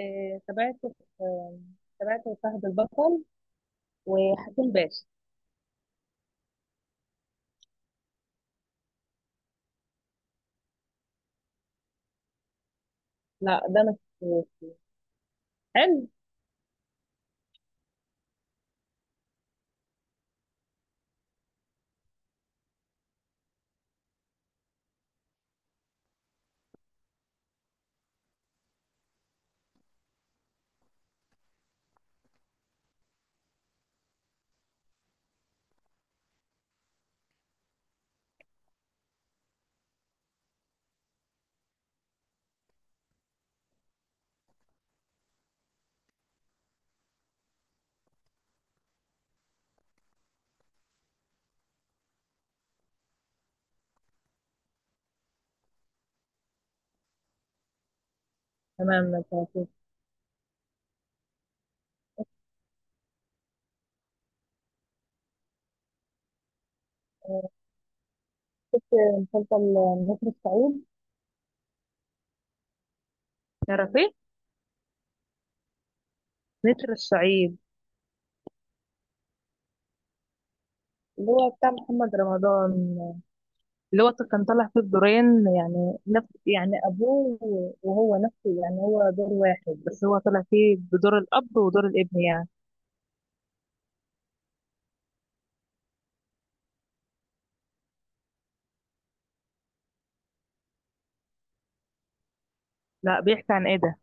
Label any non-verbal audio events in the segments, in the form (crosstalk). تابعت. آه، تابعت فهد البطل وحكيم باشا. لا، ده ما شفتوش. حلو. تمام، ما شفتوش. آه، شفت مسلسل نسر الصعيد، تعرفيه؟ نسر الصعيد، اللي هو بتاع محمد رمضان، اللي هو كان طالع فيه بدورين، يعني نفس يعني ابوه، وهو نفسه، يعني هو دور واحد بس، هو طالع فيه بدور الاب ودور الابن يعني. لا بيحكي عن ايه ده؟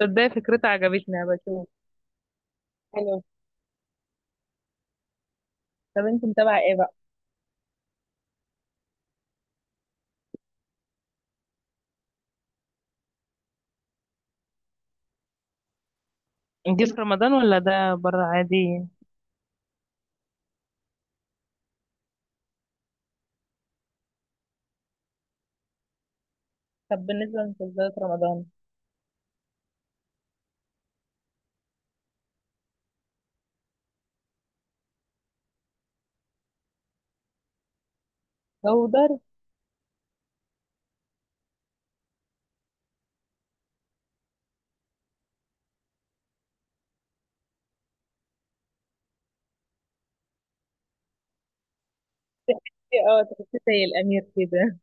تصدقي فكرته عجبتني، بشوف. حلو. طب انت متابعه ايه بقى؟ دي في رمضان ولا ده بره عادي؟ طب بالنسبة لمسلسلات رمضان، جودر. في- اه، تحسيه زي الأمير كده.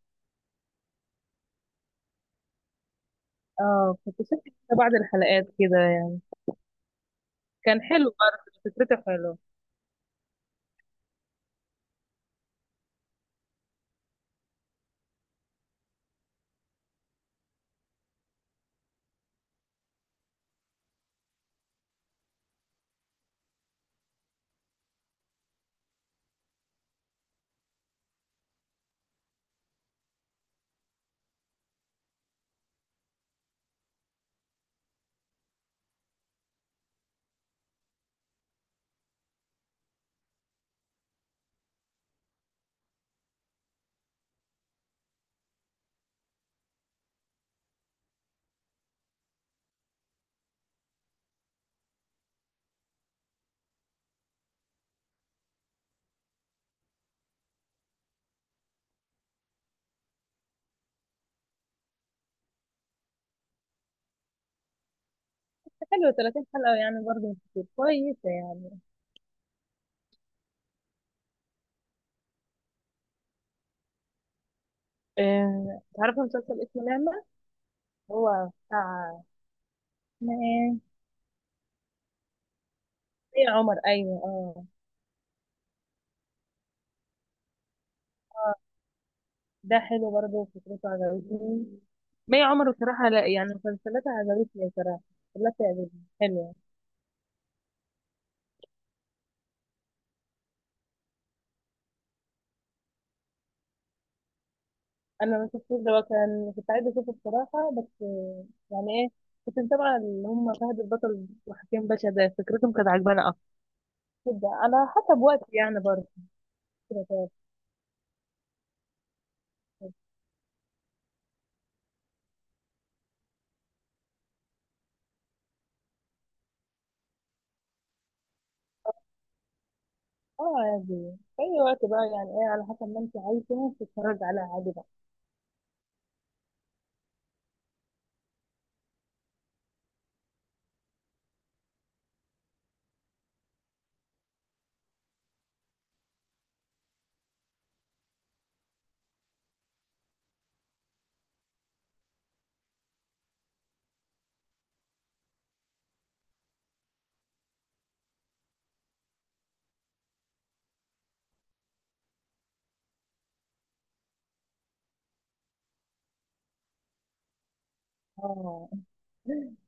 اه، كنت شفت كده بعض الحلقات كده. كان حلو برضه، فكرته حلوة. حلوة، 30 حلقة يعني برضه مش كتير، كويسة يعني. تعرفي مسلسل اسمه نعمة؟ هو بتاع، اسمها ايه؟ مي عمر، أيوة اه. ده حلو برضه، فكرته عجبتني. مي عمر بصراحة، لا يعني مسلسلاتها عجبتني بصراحة، كلها بتعجبني. حلو. انا ما شفتوش ده، كان كنت عايزه اشوفه بصراحه بس يعني ايه، كنت متابعه اللي هم فهد البطل وحكيم باشا، ده فكرتهم كانت عجباني اكتر. كده على حسب وقتي يعني برضه، كده كده. اه عادي، في اي وقت بقى يعني ايه، على حسب ما انت عايزه تتفرج على عادي بقى. اه. (laughs)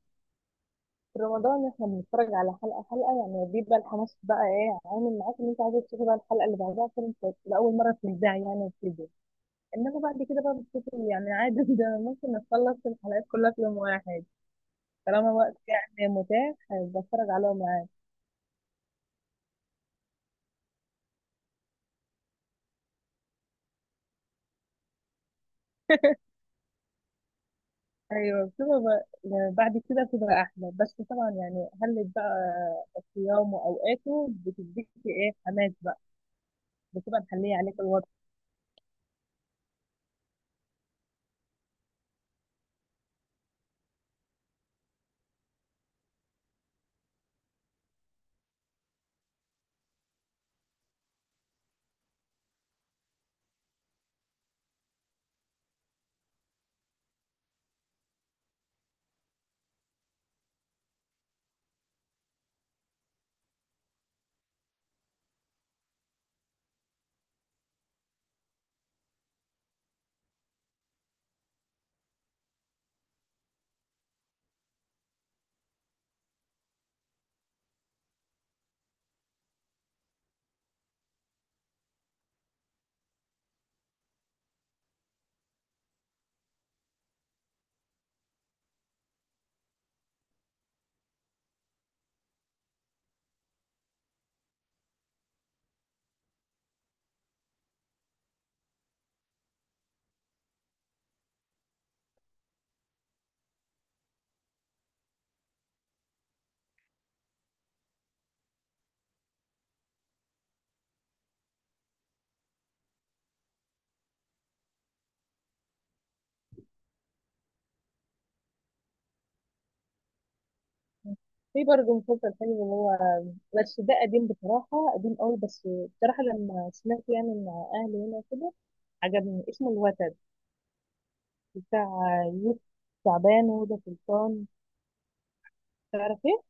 في رمضان احنا بنتفرج على حلقه حلقه، يعني بيبقى الحماس بقى ايه عامل معاك ان انت عايزه تشوفي بقى الحلقه اللي بعدها، فيلم كويس لاول مره تتذاع يعني وكده. انما بعد كده بقى بتشوفي يعني عادي. (laughs) ده ممكن نخلص الحلقات كلها في يوم واحد، طالما وقت يعني متاح، بتفرج عليهم يعني. ايوه بتبقى ب- يعني بعد كده بتبقى احلى، بس طبعا يعني خلت بقى صيامه واوقاته بتديك ايه حماس بقى، بتبقى محليه عليك الوضع. في برضه مسلسل حلو، اللي هو بس ده قديم بصراحه، قديم قوي بس بصراحه لما سمعت يعني مع اهلي هنا كده عجبني، اسمه الوتد، بتاع يوسف شعبان وهدى سلطان، تعرف ايه؟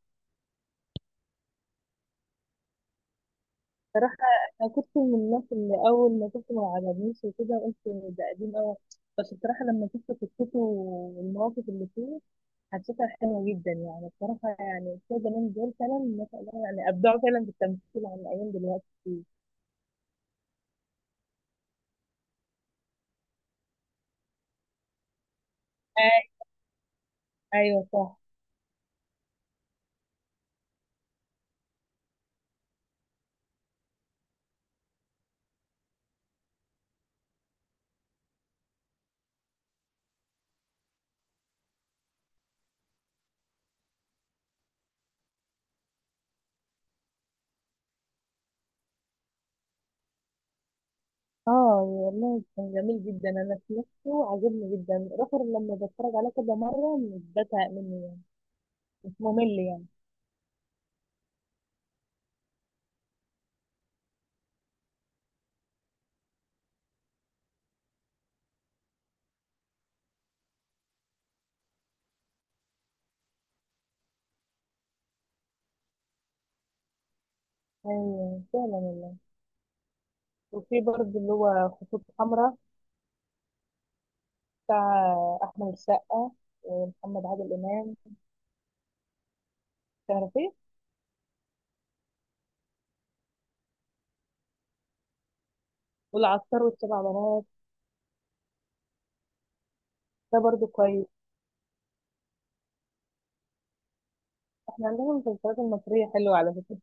انا كنت من الناس اللي اول ما شفته ما عجبنيش وكده، قلت ده قديم قوي، بس بصراحه لما شفت قصته والمواقف اللي فيه، حسيتها حلوه جدا يعني. بصراحه يعني بتوع زمان دول فعلا ما شاء الله يعني ابدعوا فعلا في التمثيل عن ايام دلوقتي كتير. أي- ايوه صح. اه والله كان جميل جدا، انا سمعته عجبني جدا رفر، لما بتفرج عليه كذا مره مش بزهق منه، مش ممل يعني. ايوه فعلا والله. وفي برضه اللي هو خطوط حمراء، بتاع احمد السقا ومحمد عادل امام، تعرفيه؟ والعطار والسبع بنات. ده برضو كويس. احنا عندنا المسلسلات المصريه حلوه على فكره.